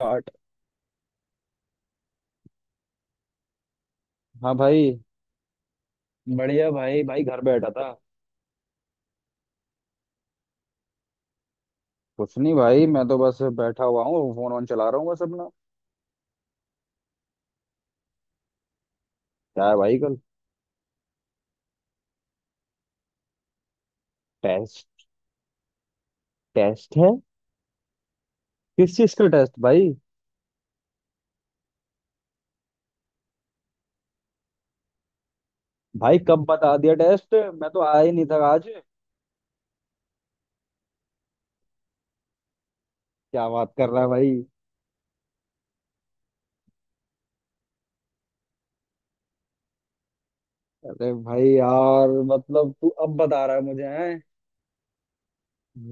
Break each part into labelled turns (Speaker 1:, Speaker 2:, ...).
Speaker 1: आठ। हाँ भाई, बढ़िया भाई। भाई घर बैठा था। कुछ नहीं भाई, मैं तो बस बैठा हुआ हूँ, फोन ऑन चला रहा हूँ बस अपना। क्या है भाई कल? टेस्ट? टेस्ट है? किस चीज का टेस्ट भाई? भाई कब बता दिया टेस्ट, मैं तो आया ही नहीं था आज। क्या बात कर रहा है भाई। अरे भाई यार, मतलब तू अब बता रहा है मुझे? हैं?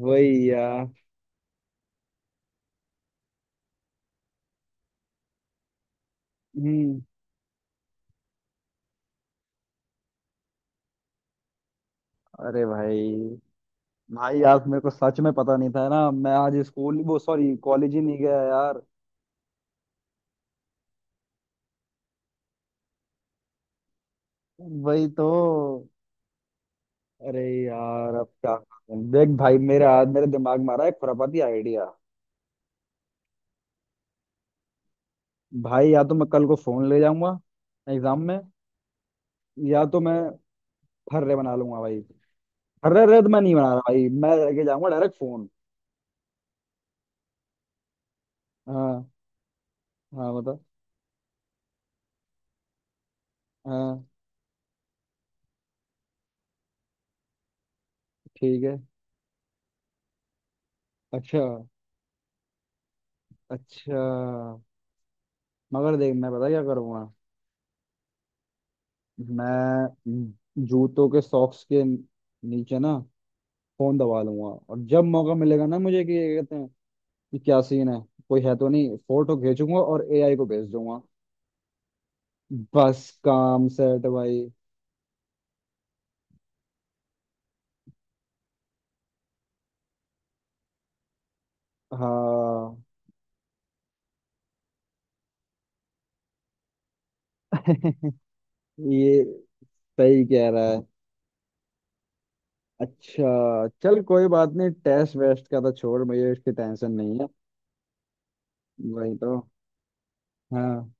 Speaker 1: वही यार। हम्म। अरे भाई, भाई यार मेरे को सच में पता नहीं था ना, मैं आज स्कूल, वो सॉरी कॉलेज ही नहीं गया यार। वही तो। अरे यार अब क्या करूं? देख भाई, मेरे आज मेरे दिमाग में आ रहा है एक खुरापाती आइडिया। भाई या तो मैं कल को फोन ले जाऊंगा एग्जाम में, या तो मैं फर्रे बना लूंगा भाई। फर्रे रे तो मैं नहीं बना रहा भाई, मैं लेके जाऊंगा डायरेक्ट फोन। हाँ। हाँ बता। हाँ ठीक है। अच्छा। अच्छा। मगर देख, मैं पता क्या करूंगा। मैं जूतों के सॉक्स के नीचे ना फोन दबा लूंगा। और जब मौका मिलेगा ना मुझे, कि ये कहते हैं कि क्या सीन है, कोई है तो नहीं, फोटो भेजूंगा और एआई को भेज दूंगा। बस काम सेट भाई। हाँ। ये सही कह रहा है। अच्छा चल, कोई बात नहीं, टेस्ट वेस्ट का तो छोड़, मुझे इसकी टेंशन नहीं है। वही तो। हाँ।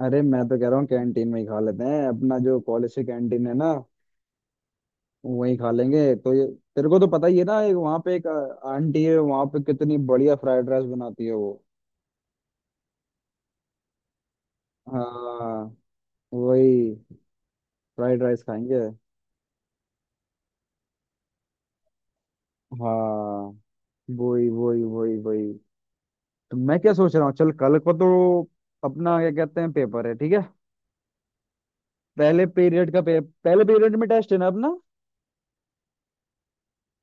Speaker 1: अरे मैं तो कह रहा हूँ कैंटीन में ही खा लेते हैं अपना, जो कॉलेज की कैंटीन है ना वहीं खा लेंगे। तो ये, तेरे को तो पता ही है ना, एक वहाँ पे एक आंटी है वहाँ पे, कितनी बढ़िया फ्राइड राइस बनाती है वो। हाँ वही। फ्राइड राइस खाएंगे। हाँ वही वही वही वही। तो मैं क्या सोच रहा हूँ, चल कल को तो अपना क्या कहते हैं पेपर है, ठीक है। पहले पीरियड में टेस्ट है ना अपना।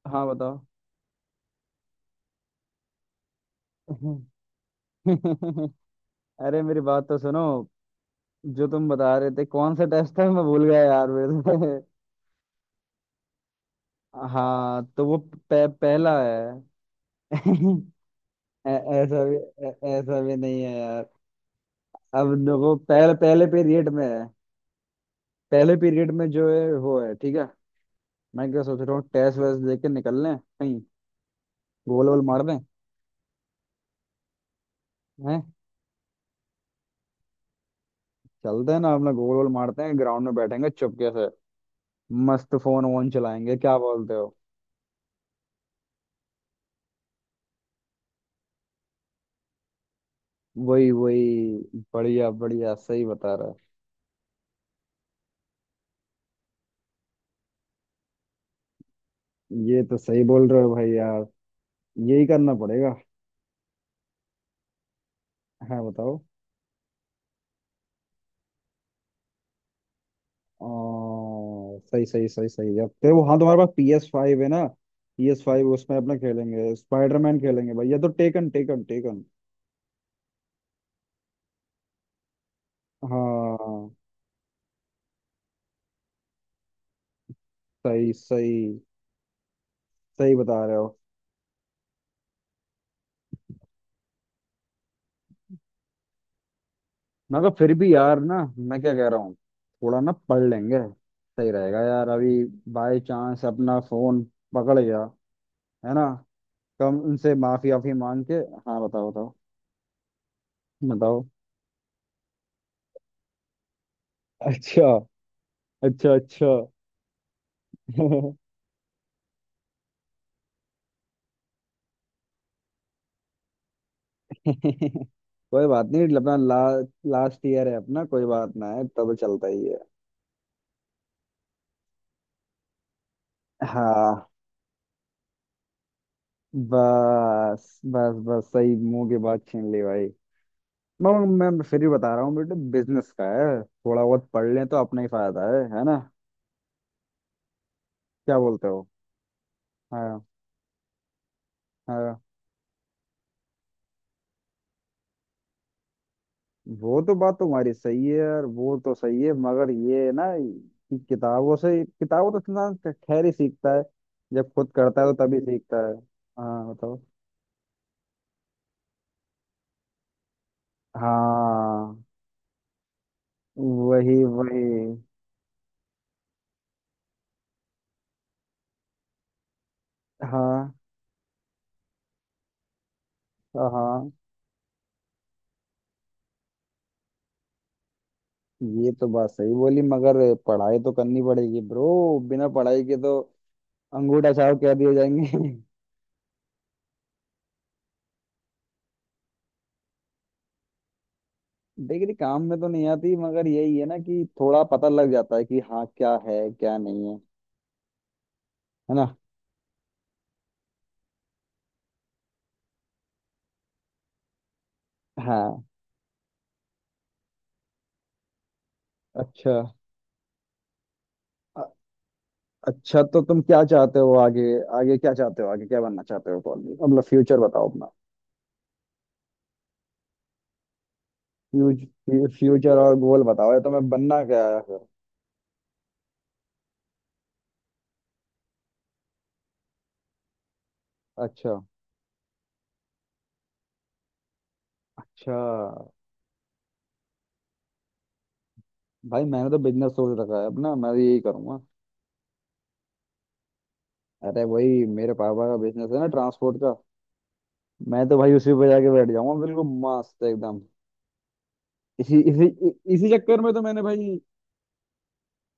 Speaker 1: हाँ बताओ। अरे मेरी बात तो सुनो, जो तुम बता रहे थे कौन सा टेस्ट था मैं भूल गया यार मेरे से। हाँ तो वो पहला है। ऐसा भी, ऐ- ऐसा भी नहीं है यार। अब देखो, पहले पहले पीरियड में है, पहले पीरियड में जो है वो है, ठीक है। मैं क्या सोच रहा हूँ, टेस्ट वेस्ट दे के निकल लें कहीं, गोल वोल मार दें। हैं? चलते हैं ना अपना, गोल वोल मारते हैं, ग्राउंड में बैठेंगे चुपके से, मस्त फोन वोन चलाएंगे, क्या बोलते हो? वही वही, बढ़िया बढ़िया, सही बता रहा है, ये तो सही बोल रहे हो भाई यार, यही करना पड़ेगा। हाँ बताओ। आ, सही सही सही सही। अब तेरे वो, हाँ तुम्हारे पास PS5 है ना। PS5 उसमें अपना खेलेंगे, स्पाइडरमैन खेलेंगे भैया, तो टेकन टेकन टेकन। हाँ सही सही सही बता रहे हो। मैं कहा फिर भी यार ना, मैं क्या कह रहा हूँ, थोड़ा ना पढ़ लेंगे, सही रहेगा यार अभी, बाय चांस अपना फोन पकड़ गया है ना, कम उनसे माफी आफी मांग के। हाँ बताओ बताओ बताओ। अच्छा अच्छा अच्छा। कोई बात नहीं अपना, लास्ट ईयर है अपना, कोई बात ना है, तब चलता ही है। हाँ बस बस बस, सही मुंह की बात छीन ली भाई। मैं मैं फिर भी बता रहा हूँ बेटे, बिजनेस का है, थोड़ा बहुत पढ़ लें तो अपना ही फायदा है ना, क्या बोलते हो? हाँ। हाँ वो तो बात तुम्हारी सही है यार, वो तो सही है, मगर ये है ना कि किताबों से, किताबों तो इंसान खैर ही सीखता है, जब खुद करता है तो तभी सीखता है। हाँ बताओ। हाँ वही वही। हाँ हाँ। ये तो बात सही बोली, मगर पढ़ाई तो करनी पड़ेगी ब्रो, बिना पढ़ाई के तो अंगूठा छाप कह दिए जाएंगे। डिग्री काम में तो नहीं आती, मगर यही है ना कि थोड़ा पता लग जाता है कि हाँ क्या है क्या नहीं है, है ना। हाँ। अच्छा। अ- अच्छा, तो तुम क्या चाहते हो आगे? आगे क्या चाहते हो, आगे क्या बनना चाहते हो कॉलेज में? मतलब फ्यूचर बताओ अपना। फ्यूचर फ्यूचर और गोल बताओ, या तुम्हें बनना क्या है फिर? अच्छा अच्छा। भाई मैंने तो बिजनेस सोच रखा है अपना, मैं तो यही करूंगा। अरे भाई मेरे पापा का बिजनेस है ना, ट्रांसपोर्ट का। मैं तो भाई उसी पे जाके बैठ जाऊंगा बिल्कुल मस्त एकदम। इसी इसी इ- इसी चक्कर में तो मैंने भाई,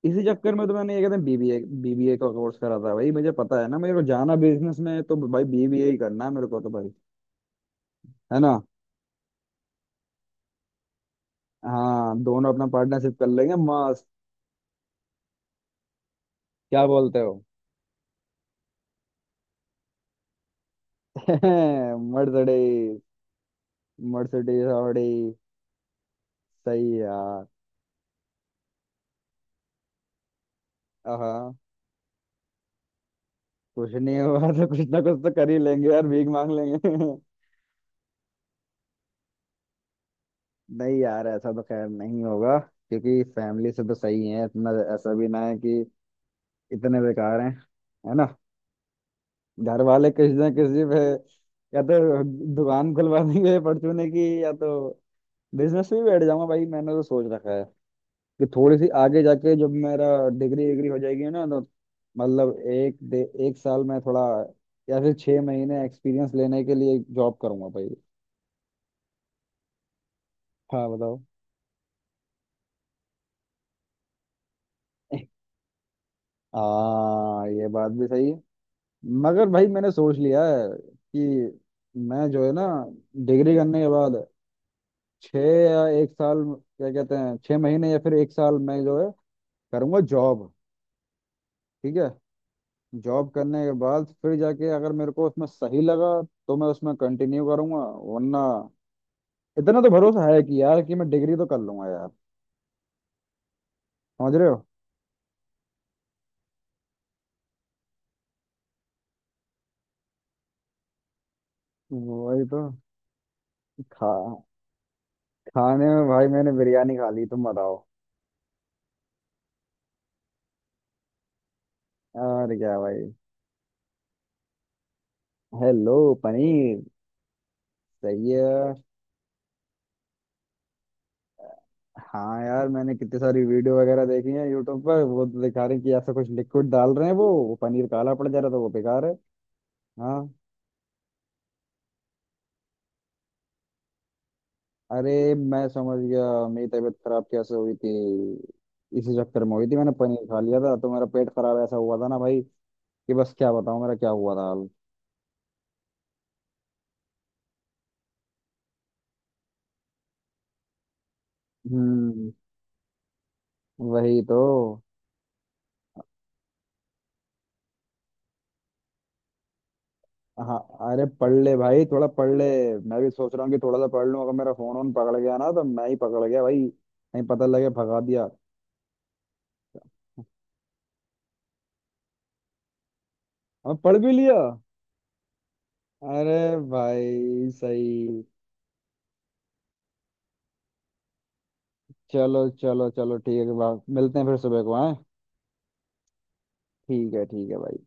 Speaker 1: इसी चक्कर में तो मैंने, ये कहते हैं बीबीए, बीबीए का कोर्स करा था भाई, मुझे पता है ना मेरे को जाना बिजनेस में है, तो भाई बीबीए ही करना है मेरे को तो भाई, है ना। हाँ, दोनों अपना पार्टनरशिप कर लेंगे मस्त। क्या बोलते हो? Mercedes, Mercedes Audi. सही यार। हाँ कुछ नहीं होगा तो कुछ ना कुछ तो कर ही लेंगे यार, भीख मांग लेंगे। नहीं यार ऐसा तो खैर नहीं होगा, क्योंकि फैमिली से तो सही है इतना, ऐसा भी ना है कि इतने बेकार हैं, है ना। घर वाले किसी ना किसी पे, या तो दुकान खुलवा देंगे परचूने की, या तो बिजनेस भी बैठ जाऊंगा। भाई मैंने तो सोच रखा है कि थोड़ी सी आगे जाके जब मेरा डिग्री, डिग्री हो जाएगी ना, तो मतलब 1 साल में थोड़ा, या फिर 6 महीने एक्सपीरियंस लेने के लिए जॉब करूंगा भाई। हाँ बताओ। हाँ ये बात भी सही है। मगर भाई मैंने सोच लिया है कि मैं जो है ना, डिग्री करने के बाद 6 या 1 साल, क्या कहते हैं, 6 महीने या फिर 1 साल मैं जो है, करूँगा जॉब। ठीक है, जॉब करने के बाद फिर जाके अगर मेरे को उसमें सही लगा, तो मैं उसमें कंटिन्यू करूँगा, वरना इतना तो भरोसा है कि यार, कि मैं डिग्री तो कर लूंगा यार, समझ रहे हो। वही तो। खा खाने में भाई मैंने बिरयानी खा ली, तुम बताओ। और क्या भाई। हेलो। पनीर? सही है। हाँ यार मैंने कितनी सारी वीडियो वगैरह देखी है यूट्यूब पर, वो तो दिखा रहे हैं कि ऐसा कुछ लिक्विड डाल रहे हैं, वो पनीर काला पड़ जा रहा था, वो बेकार है। हाँ। अरे मैं समझ गया मेरी तबीयत खराब कैसे हुई थी, इसी चक्कर में हुई थी, मैंने पनीर खा लिया था तो मेरा पेट खराब ऐसा हुआ था ना भाई, कि बस क्या बताऊं मेरा क्या हुआ था हाल। हम्म। वही तो। हाँ। अरे पढ़ ले भाई थोड़ा पढ़ ले। मैं भी सोच रहा हूँ कि थोड़ा सा पढ़ लूं, अगर मेरा फोन ऑन पकड़ गया ना तो मैं ही पकड़ गया भाई, नहीं पता लगे भगा दिया। अब पढ़ भी लिया। अरे भाई सही। चलो चलो चलो ठीक है भाई, मिलते हैं फिर सुबह को। हाँ ठीक है भाई।